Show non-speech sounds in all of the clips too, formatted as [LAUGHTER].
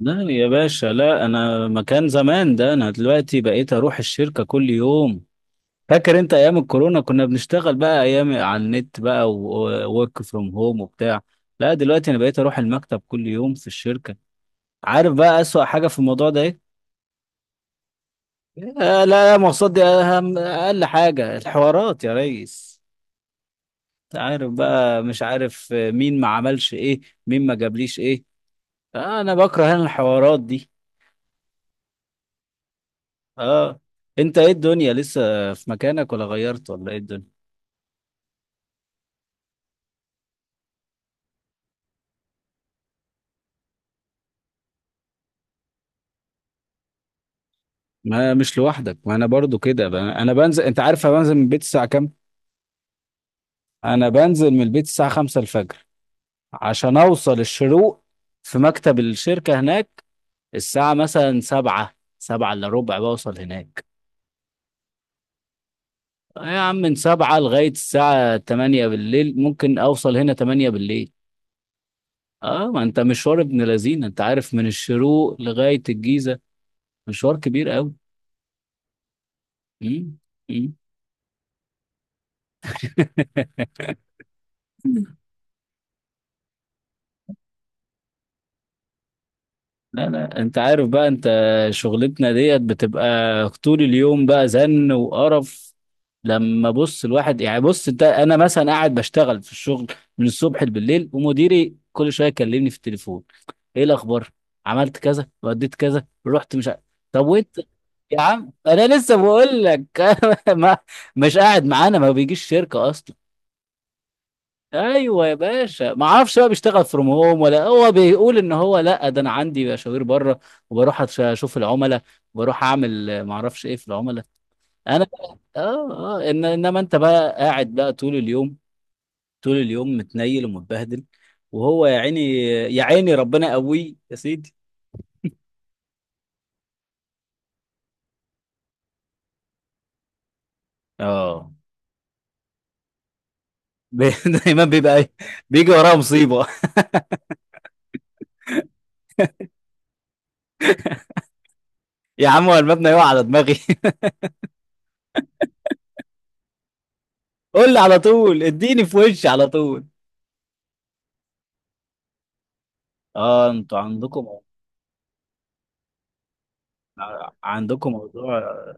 لا يا باشا، لا، انا مكان زمان ده. انا دلوقتي بقيت اروح الشركة كل يوم. فاكر انت ايام الكورونا كنا بنشتغل بقى ايام على النت؟ بقى وورك فروم هوم وبتاع. لا دلوقتي انا بقيت اروح المكتب كل يوم في الشركة. عارف بقى اسوأ حاجة في الموضوع ده ايه؟ آه، لا، المواصلات دي اهم اقل حاجة، الحوارات يا ريس. انت عارف بقى، مش عارف مين ما عملش ايه، مين ما جابليش ايه. آه، انا بكره الحوارات دي. اه. انت ايه الدنيا لسه في مكانك، ولا غيرت، ولا ايه الدنيا؟ ما مش لوحدك، ما انا برضو كده. انا بنزل، انت عارف انا بنزل من البيت الساعة كام؟ انا بنزل من البيت الساعة 5 الفجر، عشان اوصل الشروق في مكتب الشركة هناك الساعة مثلا 7، 7 الا ربع بوصل هناك. يا عم من 7 لغاية الساعة 8 بالليل، ممكن اوصل هنا 8 بالليل. اه، ما انت مشوار ابن لذينه، انت عارف من الشروق لغاية الجيزة مشوار كبير قوي. [LAUGHS] لا لا، انت عارف بقى انت، شغلتنا ديت بتبقى طول اليوم بقى زن وقرف. لما بص الواحد يعني، بص انت، انا مثلا قاعد بشتغل في الشغل من الصبح بالليل، ومديري كل شويه يكلمني في التليفون: ايه الاخبار؟ عملت كذا وديت كذا رحت مش ع- طب وانت؟ يا عم انا لسه بقول لك. [LAUGHS] ما، مش قاعد معانا، ما بيجيش شركه اصلا. ايوه يا باشا، ما اعرفش بقى بيشتغل فروم هوم، ولا هو بيقول ان هو، لا ده انا عندي مشاوير بره، وبروح اشوف العملاء، وبروح اعمل ما اعرفش ايه في العملاء. انا بقى، اه اه إن انما انت بقى قاعد بقى طول اليوم، طول اليوم متنيل ومتبهدل، وهو يا عيني، يا عيني ربنا قوي يا سيدي. اه. بي- [LAUGHS] دايما بيبقى إيه؟ بيجي وراه مصيبه. [LAUGHS] يا عم هو المبنى يقع على دماغي. [LAUGHS] قول لي على طول، اديني في وشي على طول. اه انتوا عندكم موضوع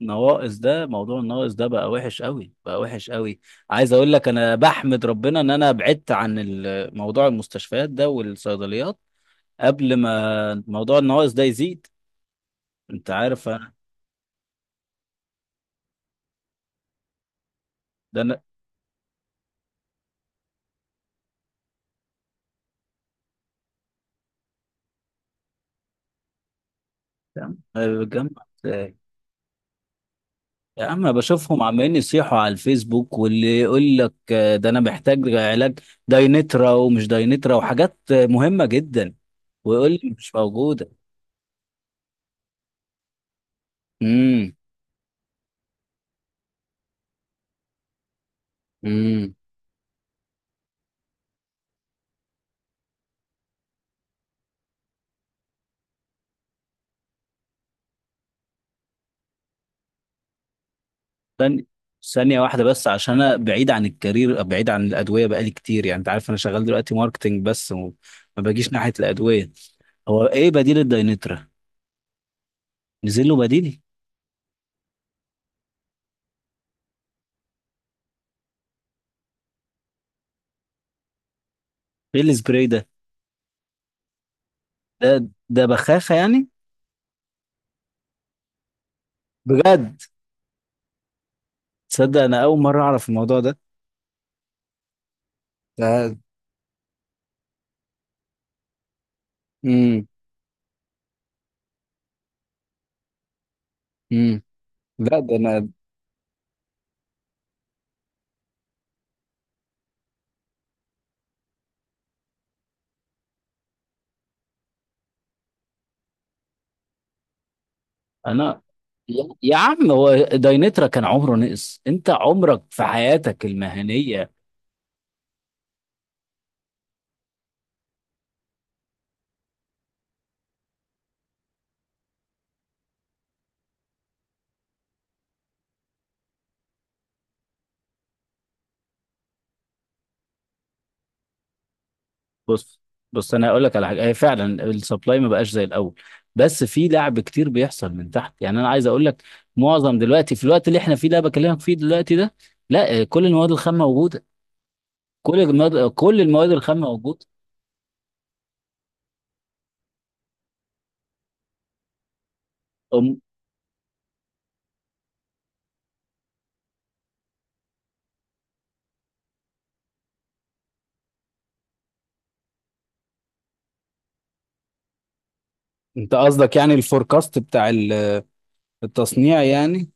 نواقص. ده موضوع النواقص ده بقى وحش قوي، بقى وحش قوي. عايز اقول لك، انا بحمد ربنا ان انا بعدت عن موضوع المستشفيات ده والصيدليات، قبل ما موضوع النواقص ده يزيد. انت عارف انا، ده انا، أنا بتجمع إزاي؟ يا عم أنا بشوفهم عمالين يصيحوا على الفيسبوك، واللي يقول لك ده انا محتاج علاج داينترا، ومش داينترا، وحاجات مهمة جدا، ويقول لي مش موجودة. امم. ثانية ثانية واحدة بس، عشان أنا بعيد عن الكارير، بعيد عن الأدوية بقالي كتير. يعني أنت عارف أنا شغال دلوقتي ماركتينج بس، وما باجيش ناحية الأدوية. هو إيه بديل الداينترا؟ نزل له بديل؟ إيه السبراي ده؟ ده بخاخة يعني؟ بجد؟ تصدق أنا أول مرة أعرف الموضوع ده. ده. امم. امم. لا ده أنا. أنا يا عم، هو داينترا كان عمره نقص؟ أنت عمرك في حياتك المهنية. بص بص، انا هقول لك على حاجه. هي فعلا السبلاي ما بقاش زي الاول، بس في لعب كتير بيحصل من تحت، يعني انا عايز اقول لك معظم دلوقتي في الوقت اللي احنا فيه ده، بكلمك فيه دلوقتي ده، لا كل المواد الخام موجوده. كل المواد الخام موجوده. أم- انت قصدك يعني الفوركاست بتاع التصنيع يعني؟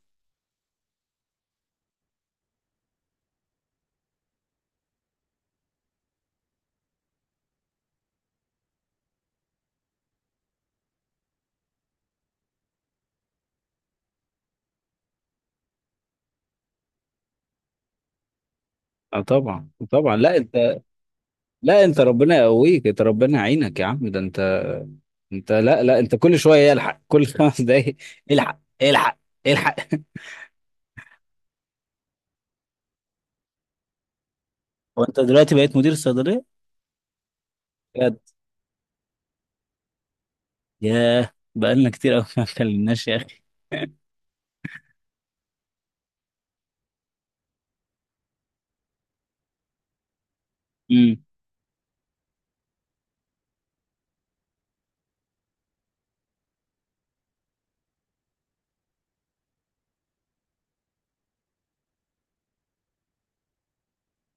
اه طبعا طبعا. لا انت، لا انت ربنا يقويك، انت ربنا يعينك يا عم، ده انت. لا لا، انت كل شويه يلحق كل [LAUGHS] 5 دقايق. الحق، الحق، الحق. هو انت دلوقتي بقيت مدير صيدليه؟ بجد؟ ياه بقالنا كتير قوي، [LAUGHS] ما اتكلمناش يا اخي. امم.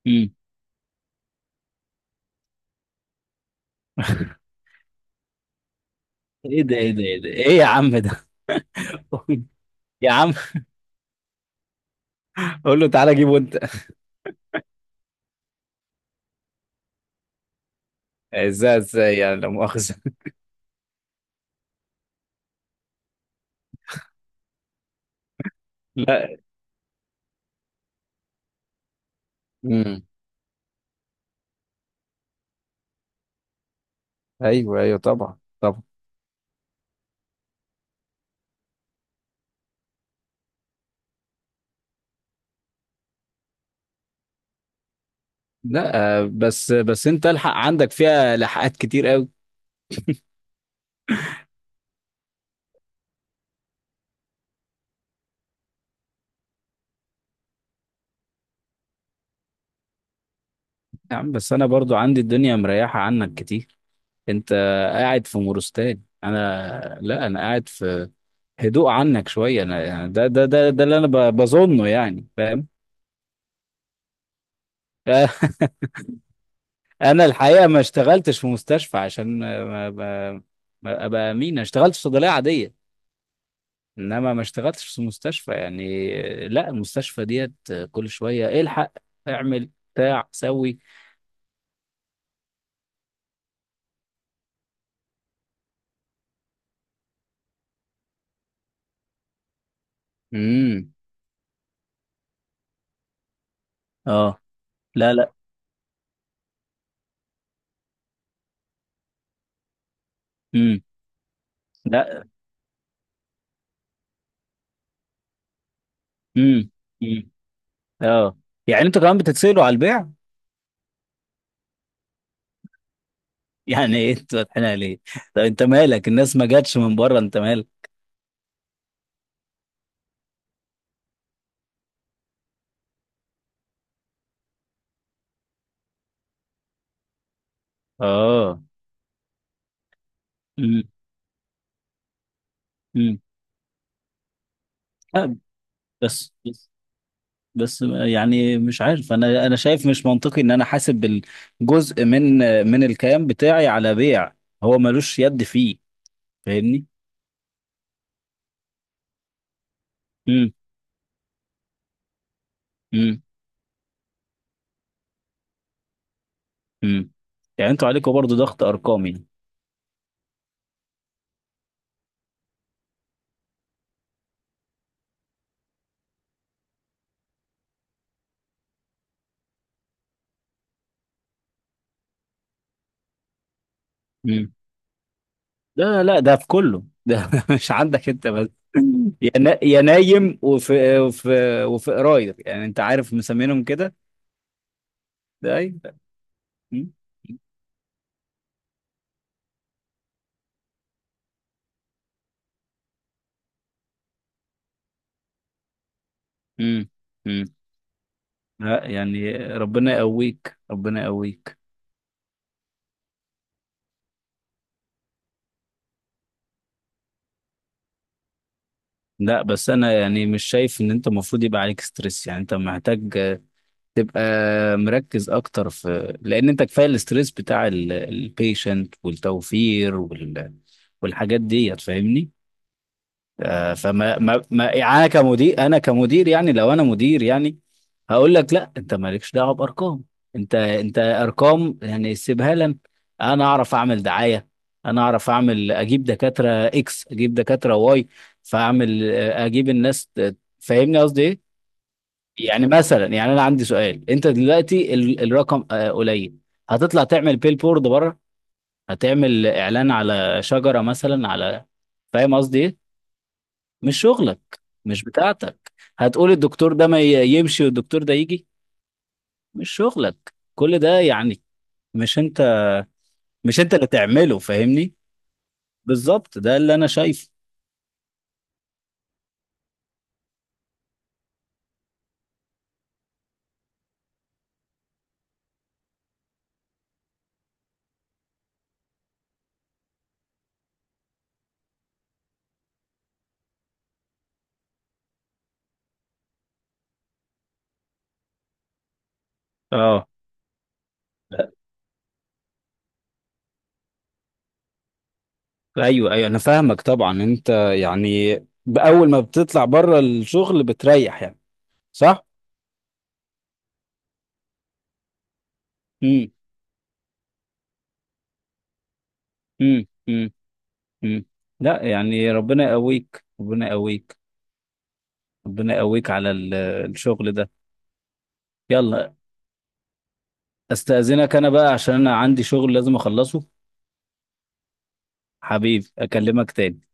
امم. ايه ده، ايه ده، ايه ده، ايه يا عم ده؟ [LAUGHS] يا عم قول له تعالى جيبه انت. ازاي ازاي يعني، لا مؤاخذه؟ [LAUGHS] لا. امم. ايوه ايوه طبعا طبعا. لا، بس بس، انت الحق عندك فيها لحقات كتير قوي. يا عم بس انا برضو عندي الدنيا مريحه عنك كتير. انت قاعد في مورستان، انا لا، انا قاعد في هدوء عنك شوية. أنا يعني، ده ده ده ده اللي أنا بظنه يعني، فاهم؟ [LAUGHS] أنا الحقيقة ما اشتغلتش في مستشفى، عشان ما أبقى أمين، أنا اشتغلت في صيدلية عادية، إنما ما اشتغلتش في مستشفى يعني. لا المستشفى ديت كل شوية الحق، اعمل بتاع سوي. امم. اه. لا لا. امم. لا. امم. امم. اه. يعني انتوا كمان بتتسألوا على البيع؟ [LAUGHS] يعني ايه انتوا فاتحينها ليه؟ طب انت مالك، الناس ما جاتش من بره، انت مالك. اه. امم. لا، بس بس بس، يعني مش عارف، انا شايف مش منطقي ان انا حاسب الجزء من الكيان بتاعي على بيع هو ملوش يد فيه. فاهمني؟ امم. امم. امم. يعني انتوا عليكم برضو ضغط ارقامي؟ امم. لا لا، ده في كله ده، [LAUGHS] مش عندك انت بس. يا نايم، وفي قراير يعني، انت عارف مسمينهم كده. ده اي. امم. امم. امم. لا يعني ربنا يقويك، ربنا يقويك. لا بس انا يعني مش شايف ان انت المفروض يبقى عليك ستريس، يعني انت محتاج تبقى مركز اكتر، في لان انت كفايه الاستريس بتاع البيشنت والتوفير والحاجات دي، فاهمني؟ فما ما ما يعني كمدير، انا كمدير يعني، لو انا مدير يعني، هقول لك لا انت مالكش دعوه بارقام، انت ارقام يعني سيبها لنا. انا اعرف اعمل دعايه، انا اعرف اعمل، اجيب دكاتره اكس، اجيب دكاتره واي، فاعمل اجيب الناس فاهمني قصدي ايه؟ يعني مثلا، يعني انا عندي سؤال، انت دلوقتي الرقم قليل، هتطلع تعمل بيل بورد بره؟ هتعمل اعلان على شجره مثلا، على؟ فاهم قصدي ايه؟ مش شغلك، مش بتاعتك. هتقول الدكتور ده ما يمشي والدكتور ده يجي؟ مش شغلك كل ده يعني. مش انت مش انت اللي تعمله، فاهمني؟ بالظبط ده اللي انا شايفه. اه، ايوه ايوه انا فاهمك طبعا انت، يعني باول ما بتطلع بره الشغل بتريح يعني. صح. امم. امم. امم. امم. لا يعني ربنا يقويك، ربنا يقويك، ربنا يقويك على الشغل ده. يلا، استأذنك انا بقى عشان انا عندي شغل لازم اخلصه. حبيبي، اكلمك تاني.